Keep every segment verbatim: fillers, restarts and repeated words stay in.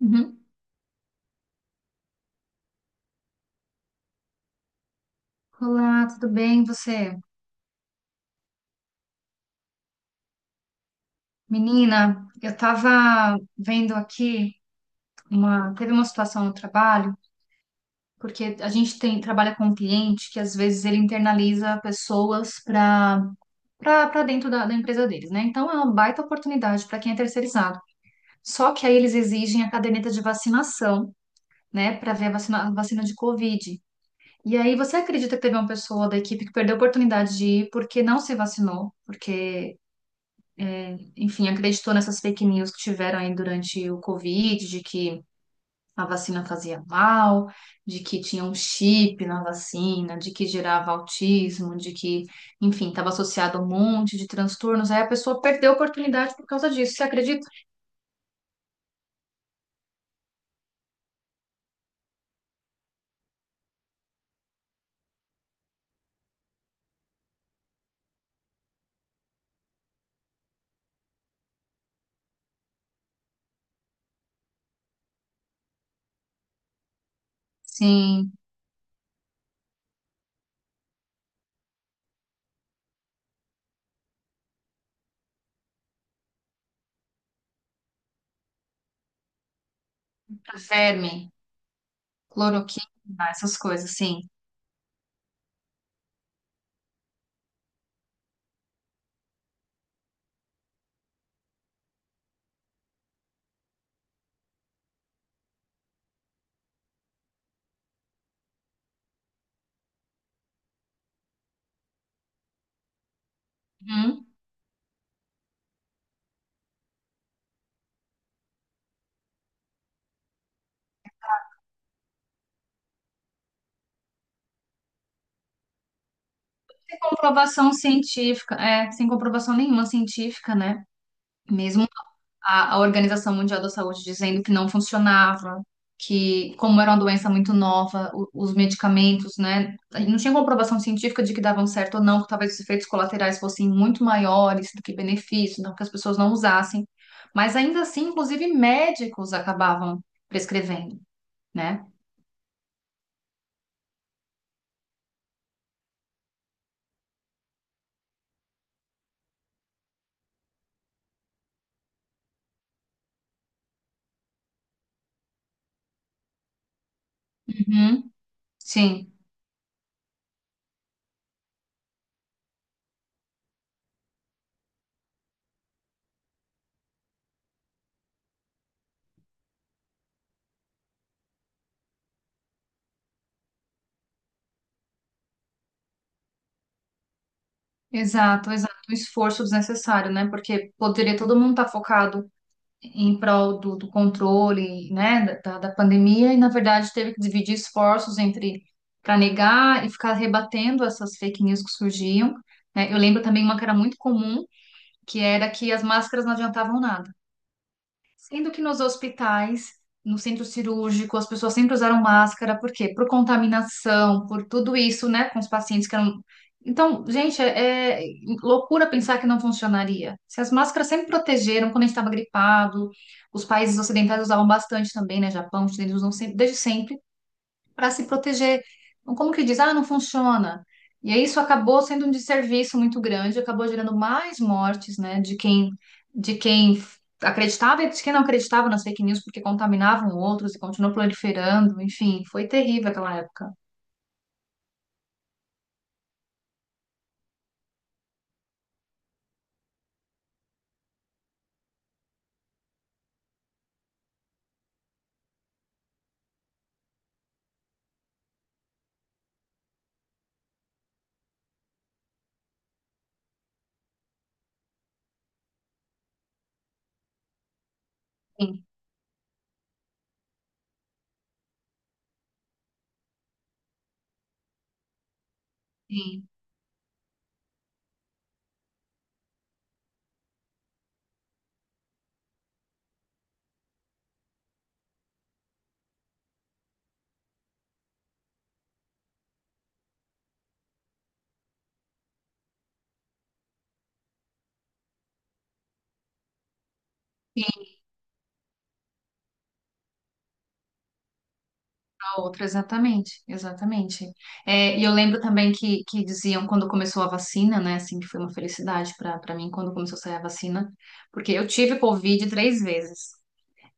Uhum. Olá, tudo bem? E você? Menina, eu tava vendo aqui uma, teve uma situação no trabalho, porque a gente tem, trabalha com um cliente que às vezes ele internaliza pessoas para para dentro da, da empresa deles, né? Então é uma baita oportunidade para quem é terceirizado. Só que aí eles exigem a caderneta de vacinação, né, para ver a vacina, a vacina de Covid. E aí você acredita que teve uma pessoa da equipe que perdeu a oportunidade de ir porque não se vacinou, porque enfim, acreditou nessas fake news que tiveram aí durante o Covid, de que a vacina fazia mal, de que tinha um chip na vacina, de que gerava autismo, de que, enfim, estava associado a um monte de transtornos. Aí a pessoa perdeu a oportunidade por causa disso, você acredita? Sim, verme, cloroquina, essas coisas, sim. Uhum. Sem comprovação científica, é, sem comprovação nenhuma científica, né? Mesmo a, a Organização Mundial da Saúde dizendo que não funcionava, que como era uma doença muito nova, o- os medicamentos, né, não tinha comprovação científica de que davam certo ou não, que talvez os efeitos colaterais fossem muito maiores do que benefícios, não que as pessoas não usassem, mas ainda assim, inclusive médicos acabavam prescrevendo, né? Uhum. Sim, exato, exato, um esforço desnecessário, né? Porque poderia todo mundo estar focado em prol do, do controle, né, da, da pandemia, e na verdade teve que dividir esforços entre para negar e ficar rebatendo essas fake news que surgiam, né? Eu lembro também uma que era muito comum, que era que as máscaras não adiantavam nada. Sendo que nos hospitais, no centro cirúrgico, as pessoas sempre usaram máscara, por quê? Por contaminação, por tudo isso, né, com os pacientes que eram. Então, gente, é, é loucura pensar que não funcionaria. Se as máscaras sempre protegeram quando a gente estava gripado, os países ocidentais usavam bastante também, né? Japão, os chineses usam sempre, desde sempre para se proteger. Então, como que diz? Ah, não funciona. E aí isso acabou sendo um desserviço muito grande, acabou gerando mais mortes, né, de quem, de quem acreditava e de quem não acreditava nas fake news, porque contaminavam outros e continuou proliferando. Enfim, foi terrível aquela época. Sim, sim. Sim, a outra, exatamente, exatamente. É, e eu lembro também que, que diziam quando começou a vacina, né? Assim, que foi uma felicidade para para mim quando começou a sair a vacina, porque eu tive Covid três vezes.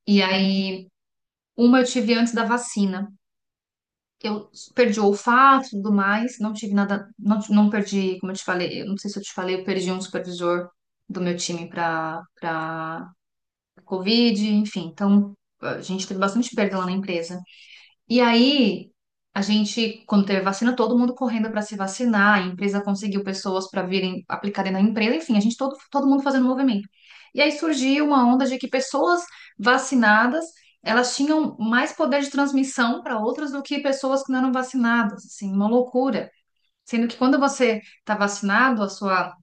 E aí uma eu tive antes da vacina. Eu perdi o olfato e tudo mais, não tive nada, não, não perdi, como eu te falei, eu não sei se eu te falei, eu perdi um supervisor do meu time para para Covid, enfim. Então, a gente teve bastante perda lá na empresa. E aí, a gente, quando teve vacina, todo mundo correndo para se vacinar, a empresa conseguiu pessoas para virem aplicarem na empresa, enfim, a gente todo, todo mundo fazendo movimento. E aí surgiu uma onda de que pessoas vacinadas, elas tinham mais poder de transmissão para outras do que pessoas que não eram vacinadas, assim, uma loucura. Sendo que quando você está vacinado, a sua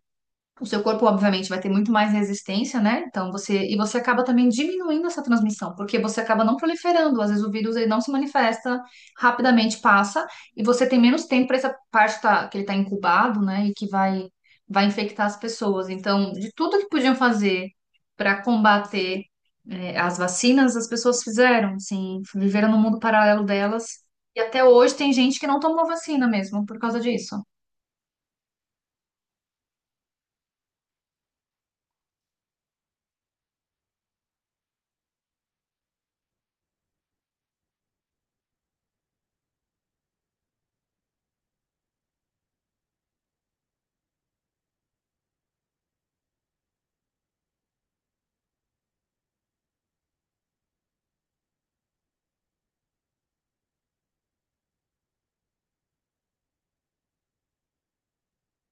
o seu corpo, obviamente, vai ter muito mais resistência, né? Então você e você acaba também diminuindo essa transmissão, porque você acaba não proliferando. Às vezes o vírus ele não se manifesta rapidamente, passa e você tem menos tempo para essa parte tá- que ele está incubado, né? E que vai vai infectar as pessoas. Então, de tudo que podiam fazer para combater eh, as vacinas, as pessoas fizeram, assim, viveram no mundo paralelo delas. E até hoje tem gente que não tomou vacina mesmo por causa disso.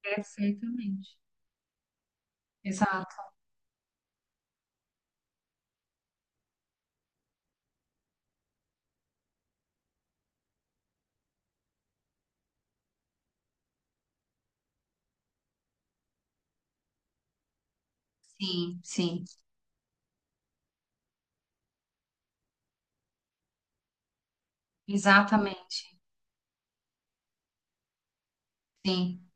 Perfeitamente. Exato. Sim, sim, exatamente. Sim,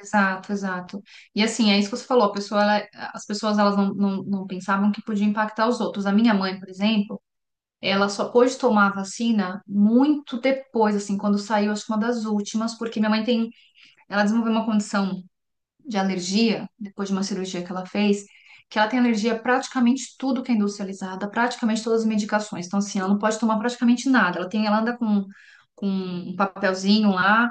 exato, exato. E assim, é isso que você falou, a pessoa, ela- as pessoas elas não, não, não pensavam que podia impactar os outros. A minha mãe, por exemplo, ela só pôde tomar a vacina muito depois, assim, quando saiu, acho que uma das últimas, porque minha mãe tem, ela desenvolveu uma condição de alergia, depois de uma cirurgia que ela fez, que ela tem alergia a praticamente tudo que é industrializado, praticamente todas as medicações. Então, assim, ela não pode tomar praticamente nada. Ela tem, ela anda com, com um papelzinho lá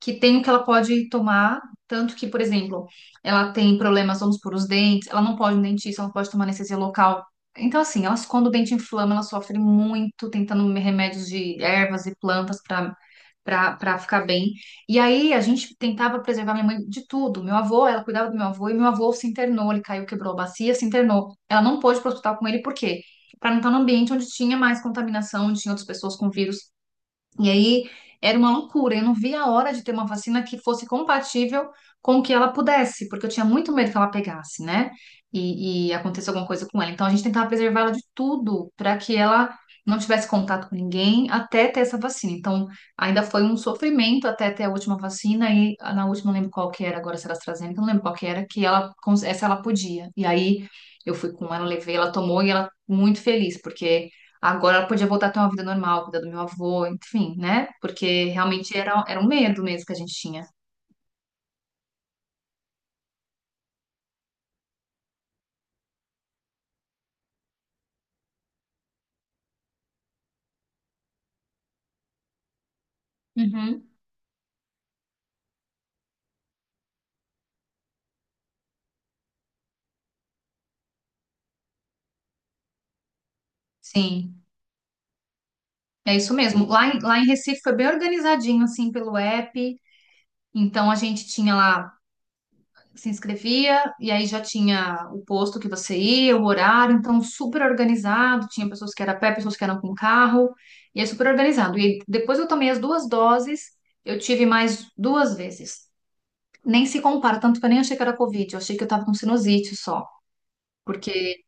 que tem o que ela pode tomar, tanto que, por exemplo, ela tem problemas, vamos por os dentes, ela não pode ir no dentista, ela não pode tomar anestesia local. Então, assim, elas, quando o dente inflama, ela sofre muito tentando remédios de ervas e plantas para para para ficar bem. E aí a gente tentava preservar minha mãe de tudo. Meu avô, ela cuidava do meu avô e meu avô se internou, ele caiu, quebrou a bacia, se internou. Ela não pôde ir para o hospital com ele, por quê? Para não estar num ambiente onde tinha mais contaminação, onde tinha outras pessoas com vírus. E aí era uma loucura. Eu não via a hora de ter uma vacina que fosse compatível com o que ela pudesse, porque eu tinha muito medo que ela pegasse, né? E, e acontecesse alguma coisa com ela. Então a gente tentava preservar ela de tudo para que ela não tivesse contato com ninguém até ter essa vacina. Então ainda foi um sofrimento até ter a última vacina. E ah, na última, não lembro qual que era, agora se era AstraZeneca, não lembro qual que era, que ela, cons- essa ela podia. E aí eu fui com ela, levei, ela tomou e ela muito feliz, porque agora ela podia voltar a ter uma vida normal, cuidar do meu avô, enfim, né? Porque realmente era, era um medo mesmo que a gente tinha. Uhum. Sim, é isso mesmo. Lá em, lá em Recife foi bem organizadinho, assim, pelo app. Então a gente tinha lá, se inscrevia, e aí já tinha o posto que você ia, o horário, então super organizado. Tinha pessoas que eram a pé, pessoas que eram com carro, e é super organizado. E depois eu tomei as duas doses, eu tive mais duas vezes. Nem se compara, tanto que eu nem achei que era Covid, eu achei que eu tava com sinusite só. Porque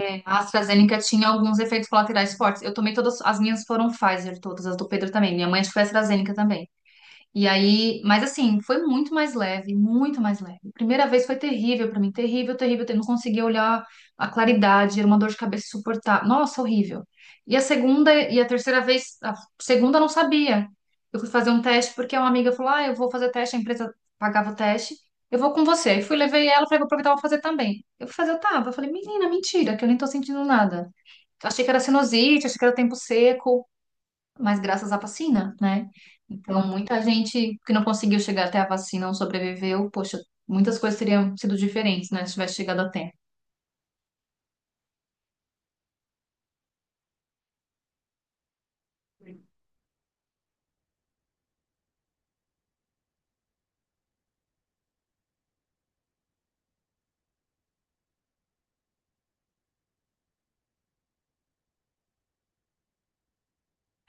é, a AstraZeneca tinha alguns efeitos colaterais fortes. Eu tomei todas, as minhas foram Pfizer, todas, as do Pedro também. Minha mãe acho que foi AstraZeneca também. E aí, mas assim, foi muito mais leve, muito mais leve. Primeira vez foi terrível pra mim, terrível, terrível, eu não conseguia olhar a claridade, era uma dor de cabeça suportável. Nossa, horrível. E a segunda e a terceira vez, a segunda eu não sabia. Eu fui fazer um teste porque uma amiga falou: "Ah, eu vou fazer teste, a empresa pagava o teste. Eu vou com você". Aí fui, levei ela, falei: "Vou aproveitar, vou fazer também". Eu fui fazer, eu tava, eu falei: "Menina, mentira, que eu nem tô sentindo nada". Achei que era sinusite, achei que era tempo seco, mas graças à vacina, né? Então, muita gente que não conseguiu chegar até a vacina não sobreviveu, poxa, muitas coisas teriam sido diferentes, né? Se tivesse chegado a tempo.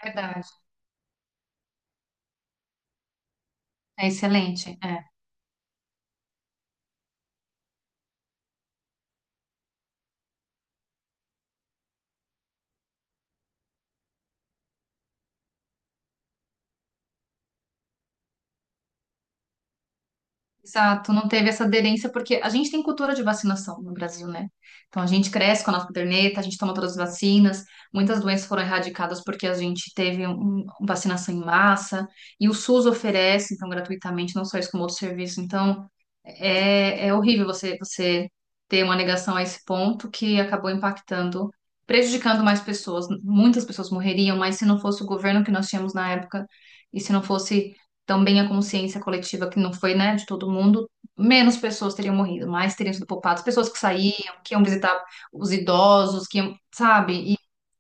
Verdade. É excelente. É. Exato, não teve essa aderência, porque a gente tem cultura de vacinação no Brasil, né? Então, a gente cresce com a nossa caderneta, a gente toma todas as vacinas, muitas doenças foram erradicadas porque a gente teve um, um vacinação em massa, e o SUS oferece, então, gratuitamente, não só isso, como outro serviço. Então, é, é horrível você, você ter uma negação a esse ponto que acabou impactando, prejudicando mais pessoas. Muitas pessoas morreriam, mas se não fosse o governo que nós tínhamos na época, e se não fosse também a consciência coletiva, que não foi, né, de todo mundo, menos pessoas teriam morrido, mais teriam sido poupadas. Pessoas que saíam, que iam visitar os idosos, que iam, sabe? E,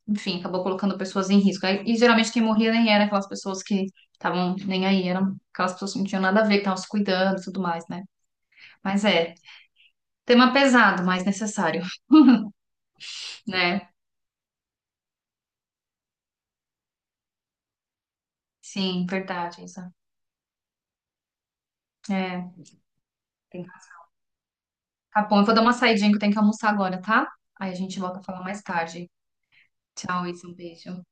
enfim, acabou colocando pessoas em risco. Aí- E geralmente quem morria nem era aquelas pessoas que estavam nem aí, eram aquelas pessoas que não tinham nada a ver, que estavam se cuidando e tudo mais, né? Mas é, tema pesado, mas necessário, né? Sim, verdade, Isa. É, tem... razão. Tá bom, eu vou dar uma saidinha que eu tenho que almoçar agora, tá? Aí a gente volta a falar mais tarde. Tchau, Isa, um beijo.